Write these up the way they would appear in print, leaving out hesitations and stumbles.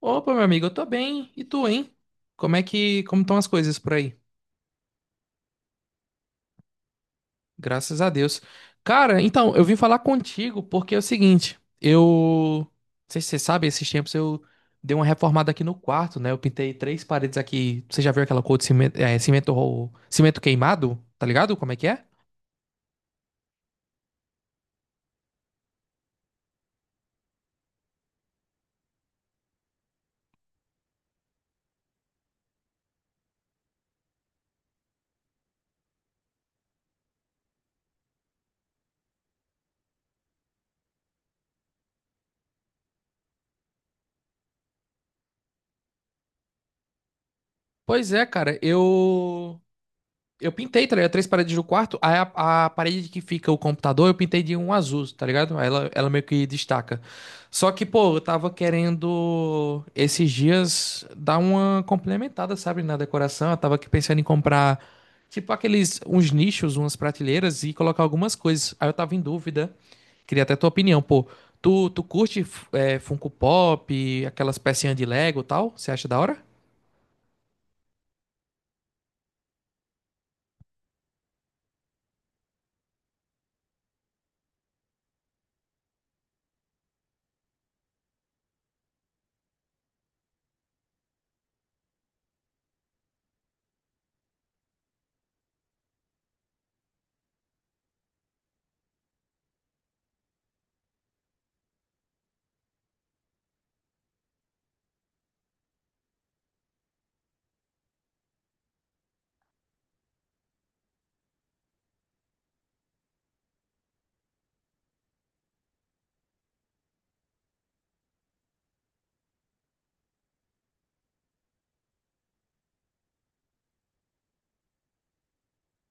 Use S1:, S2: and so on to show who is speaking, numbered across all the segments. S1: Opa, meu amigo, eu tô bem. E tu, hein? Como estão as coisas por aí? Graças a Deus. Cara, então, eu vim falar contigo porque é o seguinte, não sei se você sabe, esses tempos eu dei uma reformada aqui no quarto, né? Eu pintei três paredes aqui. Você já viu aquela cor de cimento queimado? Tá ligado? Como é que é? Pois é, cara, Eu pintei, tá ligado? Três paredes do quarto. Aí a parede que fica o computador, eu pintei de um azul, tá ligado? Aí ela meio que destaca. Só que, pô, eu tava querendo esses dias dar uma complementada, sabe, na decoração. Eu tava aqui pensando em comprar, tipo, uns nichos, umas prateleiras e colocar algumas coisas. Aí eu tava em dúvida. Queria até tua opinião, pô. Tu curte, Funko Pop, aquelas pecinhas de Lego e tal? Você acha da hora?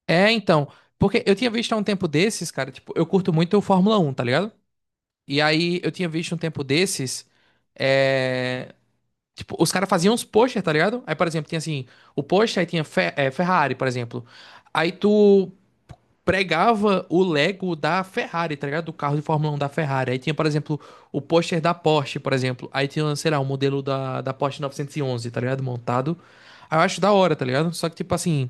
S1: É, então. Porque eu tinha visto há um tempo desses, cara, tipo, eu curto muito o Fórmula 1, tá ligado? E aí eu tinha visto um tempo desses, é... tipo, os caras faziam uns posters, tá ligado? Aí, por exemplo, tinha assim, o pôster, aí tinha Ferrari, por exemplo. Aí tu pregava o Lego da Ferrari, tá ligado? Do carro de Fórmula 1 da Ferrari. Aí tinha, por exemplo, o pôster da Porsche, por exemplo. Aí tinha, sei lá, o modelo da Porsche 911, tá ligado? Montado. Aí eu acho da hora, tá ligado? Só que, tipo assim.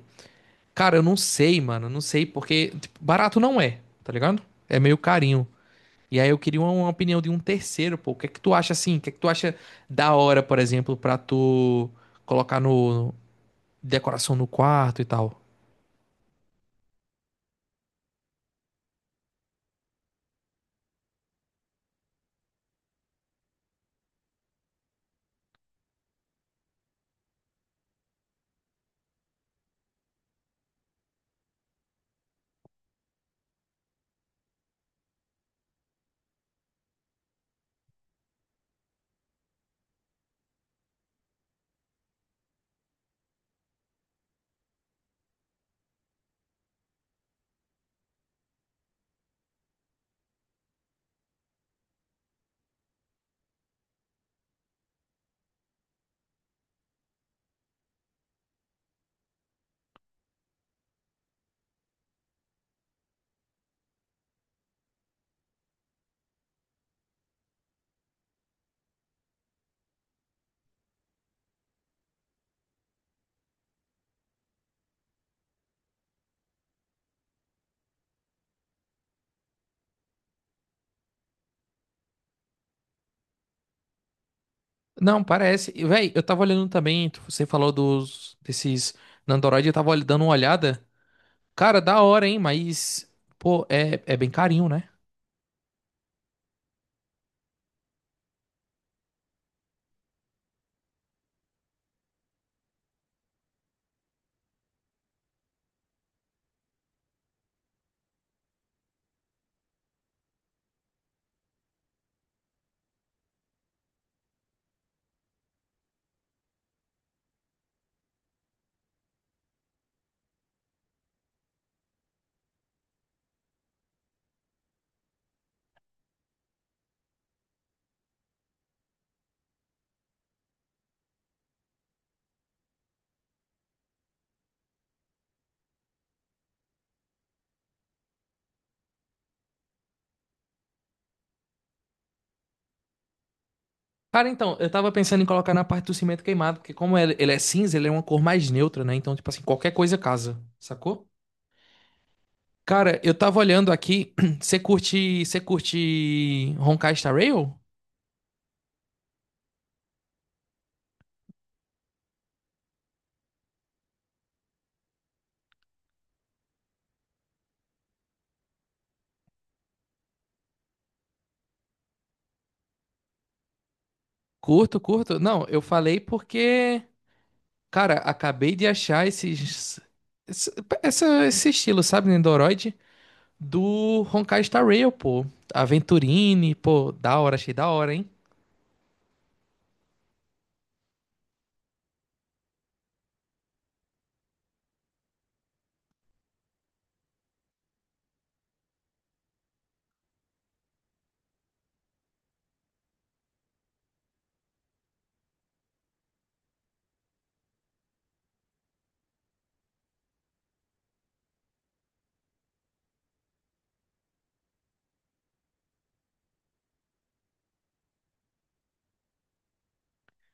S1: Cara, eu não sei, mano. Eu não sei, porque tipo, barato não é, tá ligado? É meio carinho. E aí eu queria uma opinião de um terceiro, pô. O que é que tu acha assim? O que é que tu acha da hora, por exemplo, pra tu colocar no decoração no quarto e tal? Não, parece. E, véi, eu tava olhando também, você falou dos desses Nandoroid, eu tava dando uma olhada. Cara, da hora, hein? Mas, pô, é bem carinho, né? Cara, então, eu tava pensando em colocar na parte do cimento queimado, porque como ele é cinza, ele é uma cor mais neutra, né? Então, tipo assim, qualquer coisa casa, sacou? Cara, eu tava olhando aqui, você curte Honkai Star Rail? Curto, curto. Não, eu falei porque, cara, acabei de achar esse, esse estilo, sabe, Nendoroid? Do Honkai Star Rail, pô. Aventurine, pô, da hora, achei da hora, hein?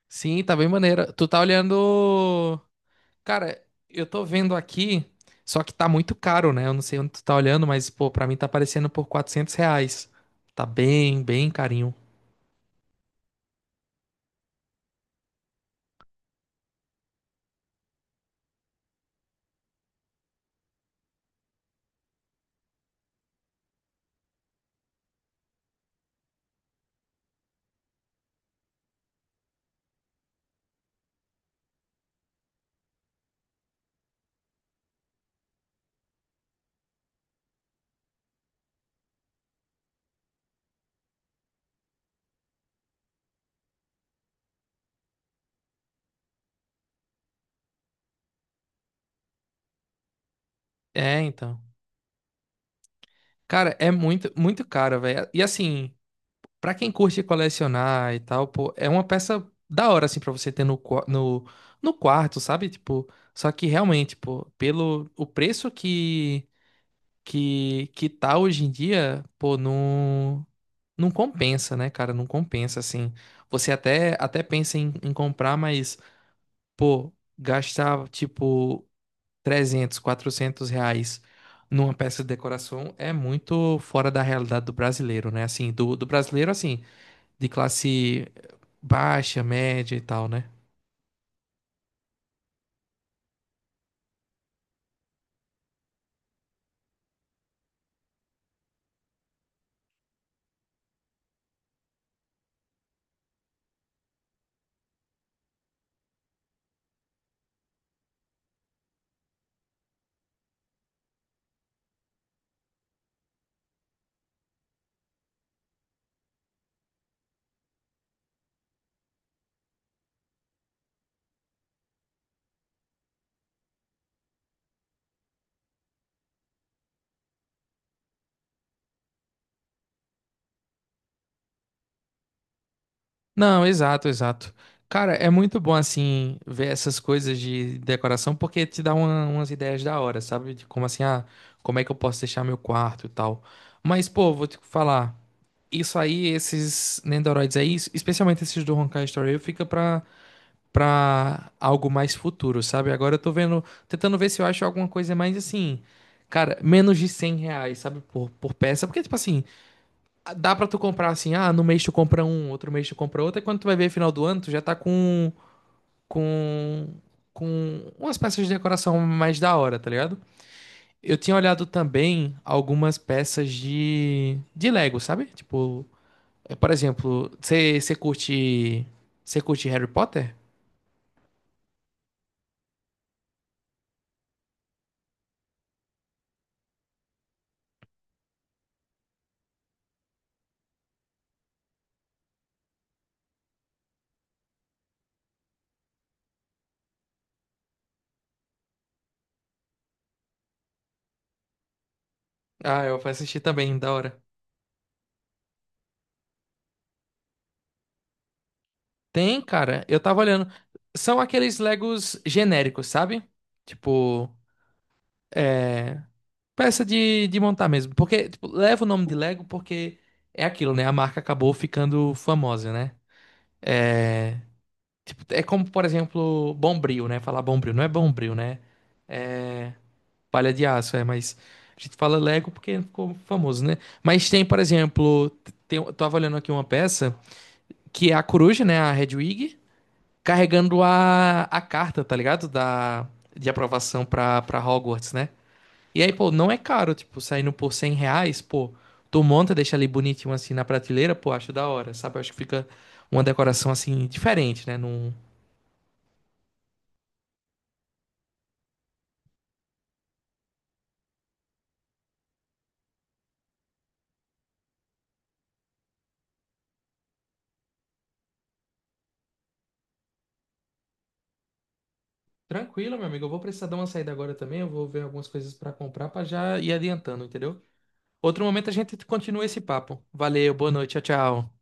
S1: Sim, tá bem maneira. Tu tá olhando. Cara, eu tô vendo aqui, só que tá muito caro, né? Eu não sei onde tu tá olhando, mas, pô, pra mim tá aparecendo por R$ 400. Tá bem, bem carinho. É, então. Cara, é muito, muito caro, velho. E assim, pra quem curte colecionar e tal, pô, é uma peça da hora, assim, pra você ter no quarto, sabe? Tipo, só que realmente, pô, pelo o preço que tá hoje em dia, pô, não compensa, né, cara? Não compensa, assim. Você até pensa em comprar, mas, pô, gastar, tipo, 300, R$ 400 numa peça de decoração é muito fora da realidade do brasileiro, né? Assim, do brasileiro, assim de classe baixa, média e tal, né? Não, exato, exato. Cara, é muito bom assim ver essas coisas de decoração porque te dá umas ideias da hora, sabe? De como assim, ah, como é que eu posso deixar meu quarto e tal. Mas, pô, vou te falar, isso aí, esses Nendoroids aí, especialmente esses do Honkai Story Rail, fica pra algo mais futuro, sabe? Agora eu tô vendo, tentando ver se eu acho alguma coisa mais assim, cara, menos de R$ 100, sabe? Por peça, porque, tipo assim, dá pra tu comprar assim, ah, no mês tu compra um, outro mês tu compra outro, e quando tu vai ver final do ano, tu já tá com, com umas peças de decoração mais da hora, tá ligado? Eu tinha olhado também algumas peças de Lego, sabe? Tipo, por exemplo, você curte Harry Potter? Ah, eu fui assistir também, da hora. Tem, cara, eu tava olhando. São aqueles Legos genéricos, sabe? Tipo, é. Peça de montar mesmo. Porque, tipo, leva o nome de Lego porque é aquilo, né? A marca acabou ficando famosa, né? Tipo, é como, por exemplo, Bombril, né? Falar Bombril. Não é Bombril, né? É palha de aço, é. Mas a gente fala Lego porque ficou famoso, né? Mas tem, por exemplo, eu tava olhando aqui uma peça que é a coruja, né? A Hedwig, carregando a carta, tá ligado? De aprovação pra Hogwarts, né? E aí, pô, não é caro, tipo, saindo por R$ 100, pô, tu monta, deixa ali bonitinho assim na prateleira, pô, acho da hora, sabe? Eu acho que fica uma decoração assim diferente, né? Tranquilo, meu amigo, eu vou precisar dar uma saída agora também, eu vou ver algumas coisas pra comprar pra já ir adiantando, entendeu? Outro momento a gente continua esse papo. Valeu, boa noite, tchau, tchau.